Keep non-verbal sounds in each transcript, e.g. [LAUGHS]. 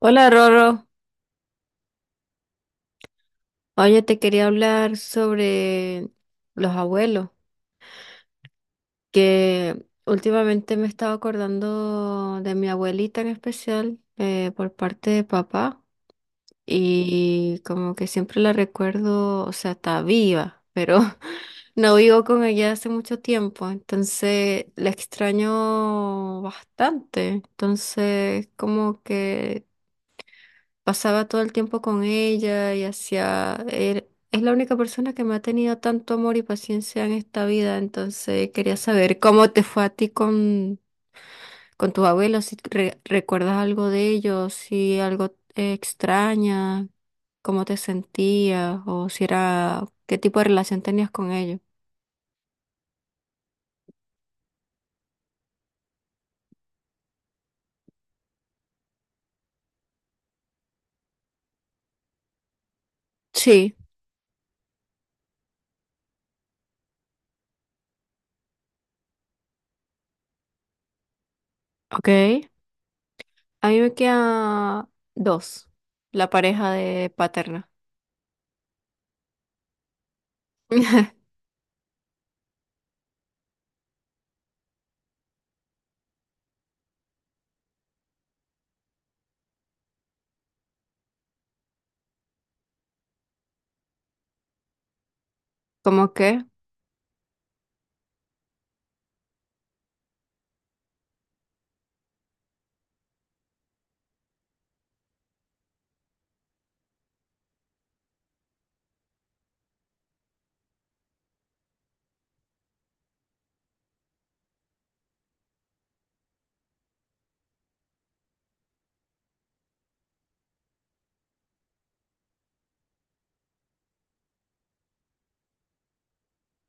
Hola Roro, oye, te quería hablar sobre los abuelos, que últimamente me estaba acordando de mi abuelita en especial, por parte de papá, y como que siempre la recuerdo, o sea, está viva, pero [LAUGHS] no vivo con ella hace mucho tiempo, entonces la extraño bastante, entonces como que pasaba todo el tiempo con ella y es la única persona que me ha tenido tanto amor y paciencia en esta vida, entonces quería saber cómo te fue a ti con tus abuelos, si recuerdas algo de ellos, si algo extraña, cómo te sentías o si era, qué tipo de relación tenías con ellos. Sí, ok. A mí me queda dos, la pareja de paterna. [LAUGHS] ¿Cómo qué?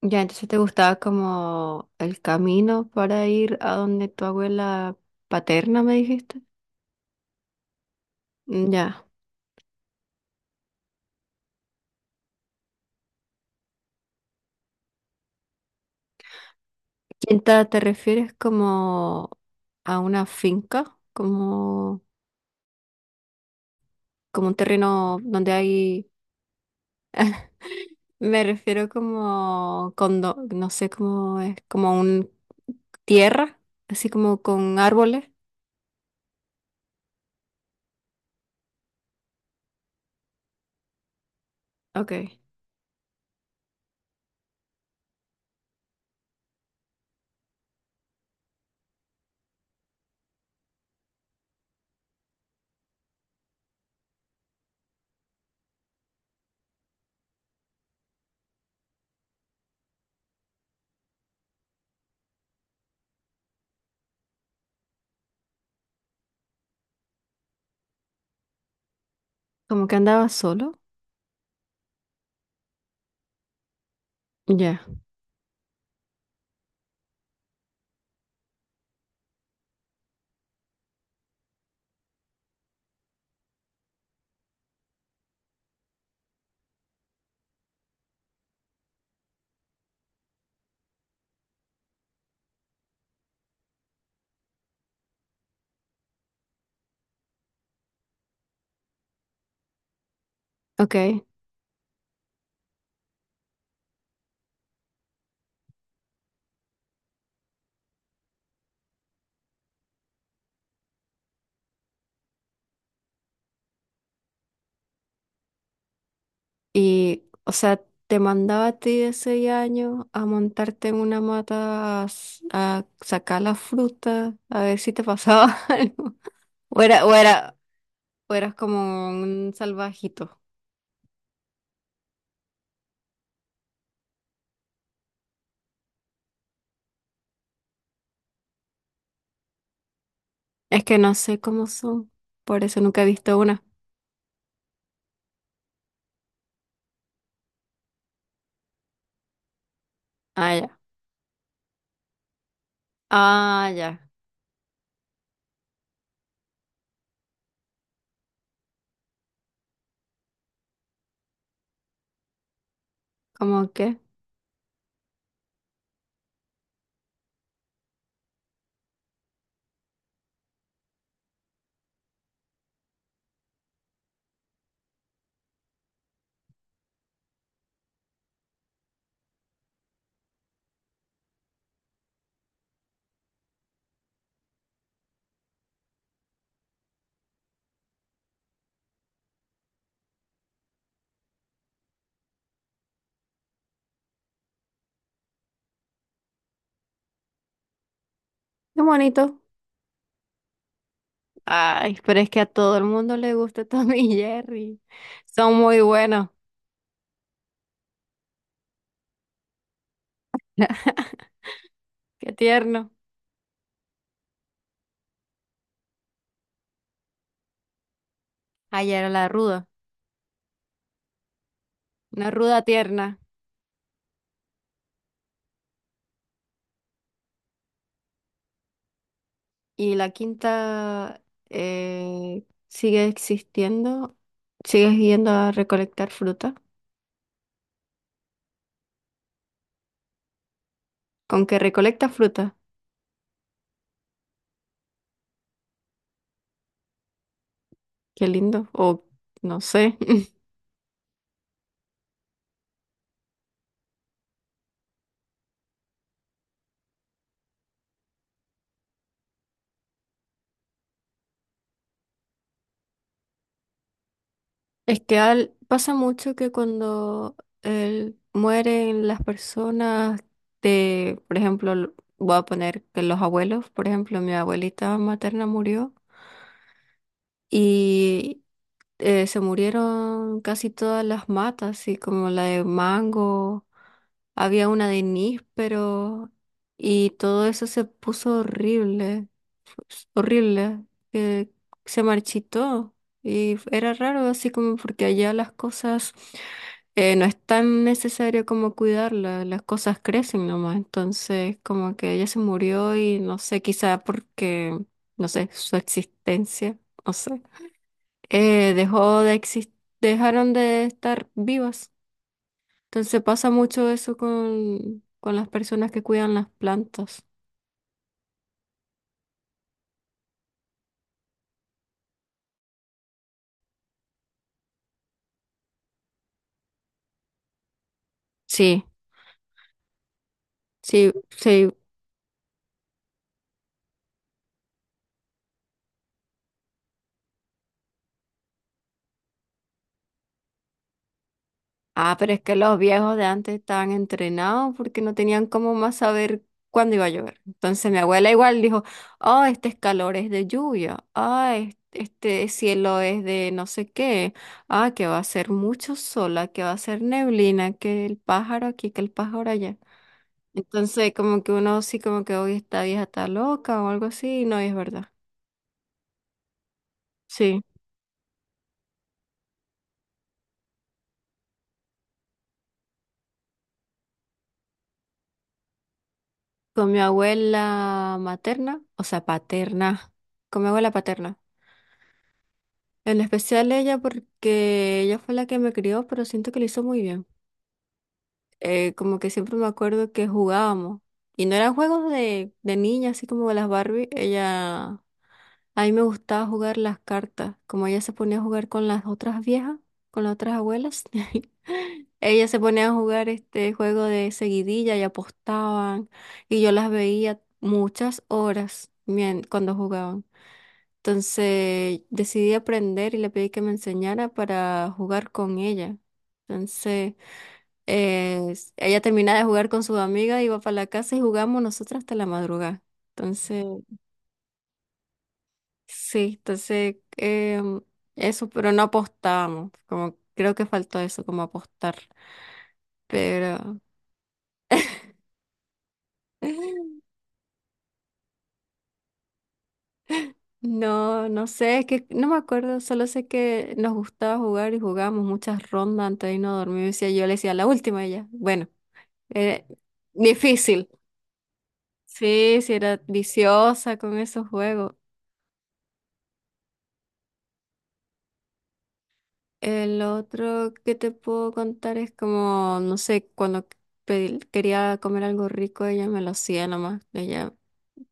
Ya, entonces te gustaba como el camino para ir a donde tu abuela paterna, me dijiste. Mm. Ya. ¿Quinta te refieres como a una finca? Como, como un terreno donde hay... Me refiero como condo, no sé cómo es, como un tierra, así como con árboles. Ok. Como que andaba solo. Ya. Ok. Y, o sea, te mandaba a ti de 6 años a montarte en una mata a, a sacar la fruta, a ver si te pasaba [LAUGHS] algo. O era, o era, o eras como un salvajito. Es que no sé cómo son, por eso nunca he visto una. Ah, ya. Ah, ya. ¿Cómo qué? Qué bonito. Ay, pero es que a todo el mundo le gusta [LAUGHS] Tom y Jerry. Son muy buenos. Qué tierno. Ayer era la ruda. Una ruda tierna. ¿Y la quinta, eh, sigue existiendo? ¿Sigues yendo a recolectar fruta? ¿Con que recolecta fruta? Qué lindo. O no sé. [LAUGHS] Es que pasa mucho que cuando mueren las personas de, por ejemplo, voy a poner que los abuelos, por ejemplo, mi abuelita materna murió. Se murieron casi todas las matas, así como la de mango, había una de níspero y todo eso se puso horrible, pues, horrible, que se marchitó y era raro así como porque allá las cosas, no es tan necesario como cuidarlas, las cosas crecen nomás, entonces como que ella se murió y no sé, quizá porque, no sé, su existencia, no sé, eh, dejó de exis- dejaron de estar vivas. Entonces pasa mucho eso con las personas que cuidan las plantas. Sí, sí, sí. Ah, pero es que los viejos de antes estaban entrenados porque no tenían cómo más saber cuándo iba a llover. Entonces mi abuela igual dijo, oh, este es calor es de lluvia, ah, este cielo es de no sé qué, ah, que va a ser mucho sol, ah, que va a ser neblina, que el pájaro aquí, que el pájaro allá. Entonces, como que uno sí, como que hoy esta vieja está loca o algo así, y no, y es verdad. Sí, con mi abuela materna, o sea, paterna, con mi abuela paterna. En especial ella porque ella fue la que me crió, pero siento que lo hizo muy bien. Como que siempre me acuerdo que jugábamos. Y no eran juegos de niña, así como las Barbie. Ella A mí me gustaba jugar las cartas. Como ella se ponía a jugar con las otras viejas, con las otras abuelas, [LAUGHS] ella se ponía a jugar este juego de seguidilla y apostaban. Y yo las veía muchas horas cuando jugaban. Entonces decidí aprender y le pedí que me enseñara para jugar con ella. Entonces ella terminaba de jugar con su amiga, iba para la casa y jugamos nosotras hasta la madrugada. Entonces. Sí, entonces eso, pero no apostábamos, como creo que faltó eso, como apostar, pero [LAUGHS] no, no sé, es que no me acuerdo, solo sé que nos gustaba jugar y jugábamos muchas rondas antes de irnos a dormir, decía, yo le decía la última y ya, bueno, eh, difícil, sí, sí, era viciosa con esos juegos. El otro que te puedo contar es como, no sé, cuando quería comer algo rico, ella me lo hacía nomás, ella.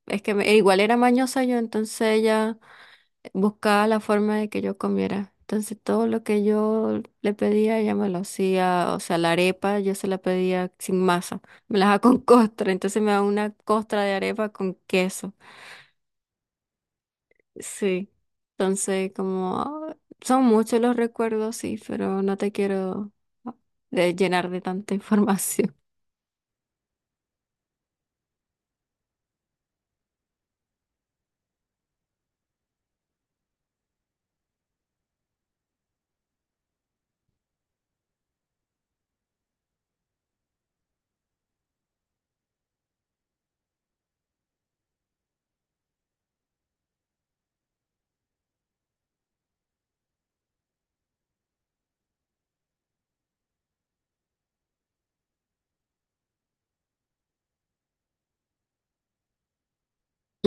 Es que igual era mañosa yo, entonces ella buscaba la forma de que yo comiera. Entonces todo lo que yo le pedía, ella me lo hacía. O sea, la arepa yo se la pedía sin masa. Me la daba con [LAUGHS] costra. Entonces me daba una costra de arepa con queso. Sí. Entonces como ah, son muchos los recuerdos, sí, pero no te quiero ah, llenar de tanta [LAUGHS] información.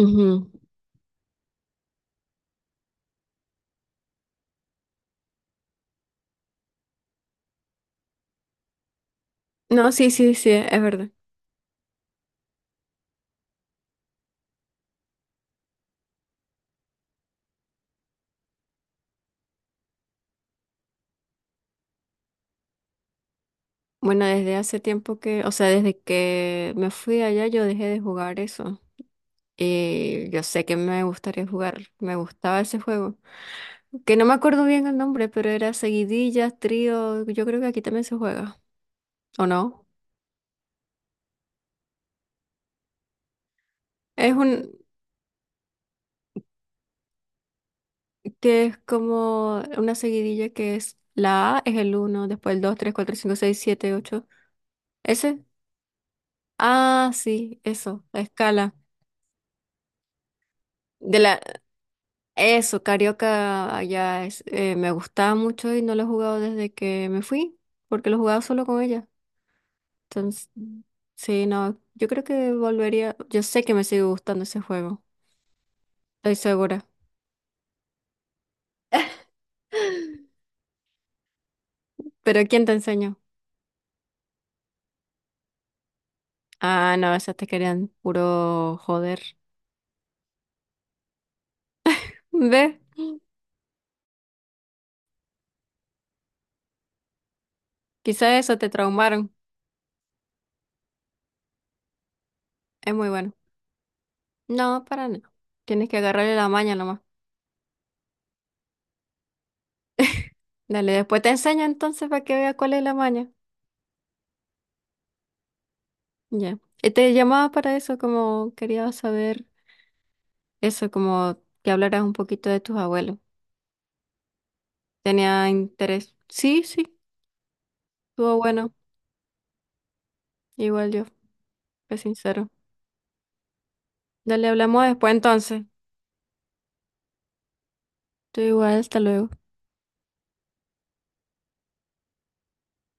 Ujú. No, sí, sí, sí, es verdad. Bueno, desde hace tiempo que, o sea, desde que me fui allá yo dejé de jugar eso. Y yo sé que me gustaría jugar, me gustaba ese juego. Que no me acuerdo bien el nombre, pero era seguidillas, trío, yo creo que aquí también se juega, ¿o no? Es un, que es como una seguidilla que es la A es el uno, después el 2, 3, 4, 5, 6, siete, 8. ¿Ese? Ah, sí, eso, la escala. De la, Eso, Carioca allá es, me gustaba mucho y no lo he jugado desde que me fui, porque lo jugaba solo con ella. Entonces, sí, no, yo creo que volvería, yo sé que me sigue gustando ese juego, estoy segura. [LAUGHS] Pero ¿quién te enseñó? Ah, no, esas te querían puro joder. Ve, quizá eso te traumaron. Es muy bueno. No, para nada. Tienes que agarrarle la maña nomás. Dale, después te enseño entonces para que veas cuál es la maña. Ya. Y te llamaba para eso, como quería saber. Eso, como que hablaras un poquito de tus abuelos. Tenía interés. Sí, sí, estuvo bueno. Igual yo, fue sincero. Dale, hablamos después entonces. Tú igual, hasta luego.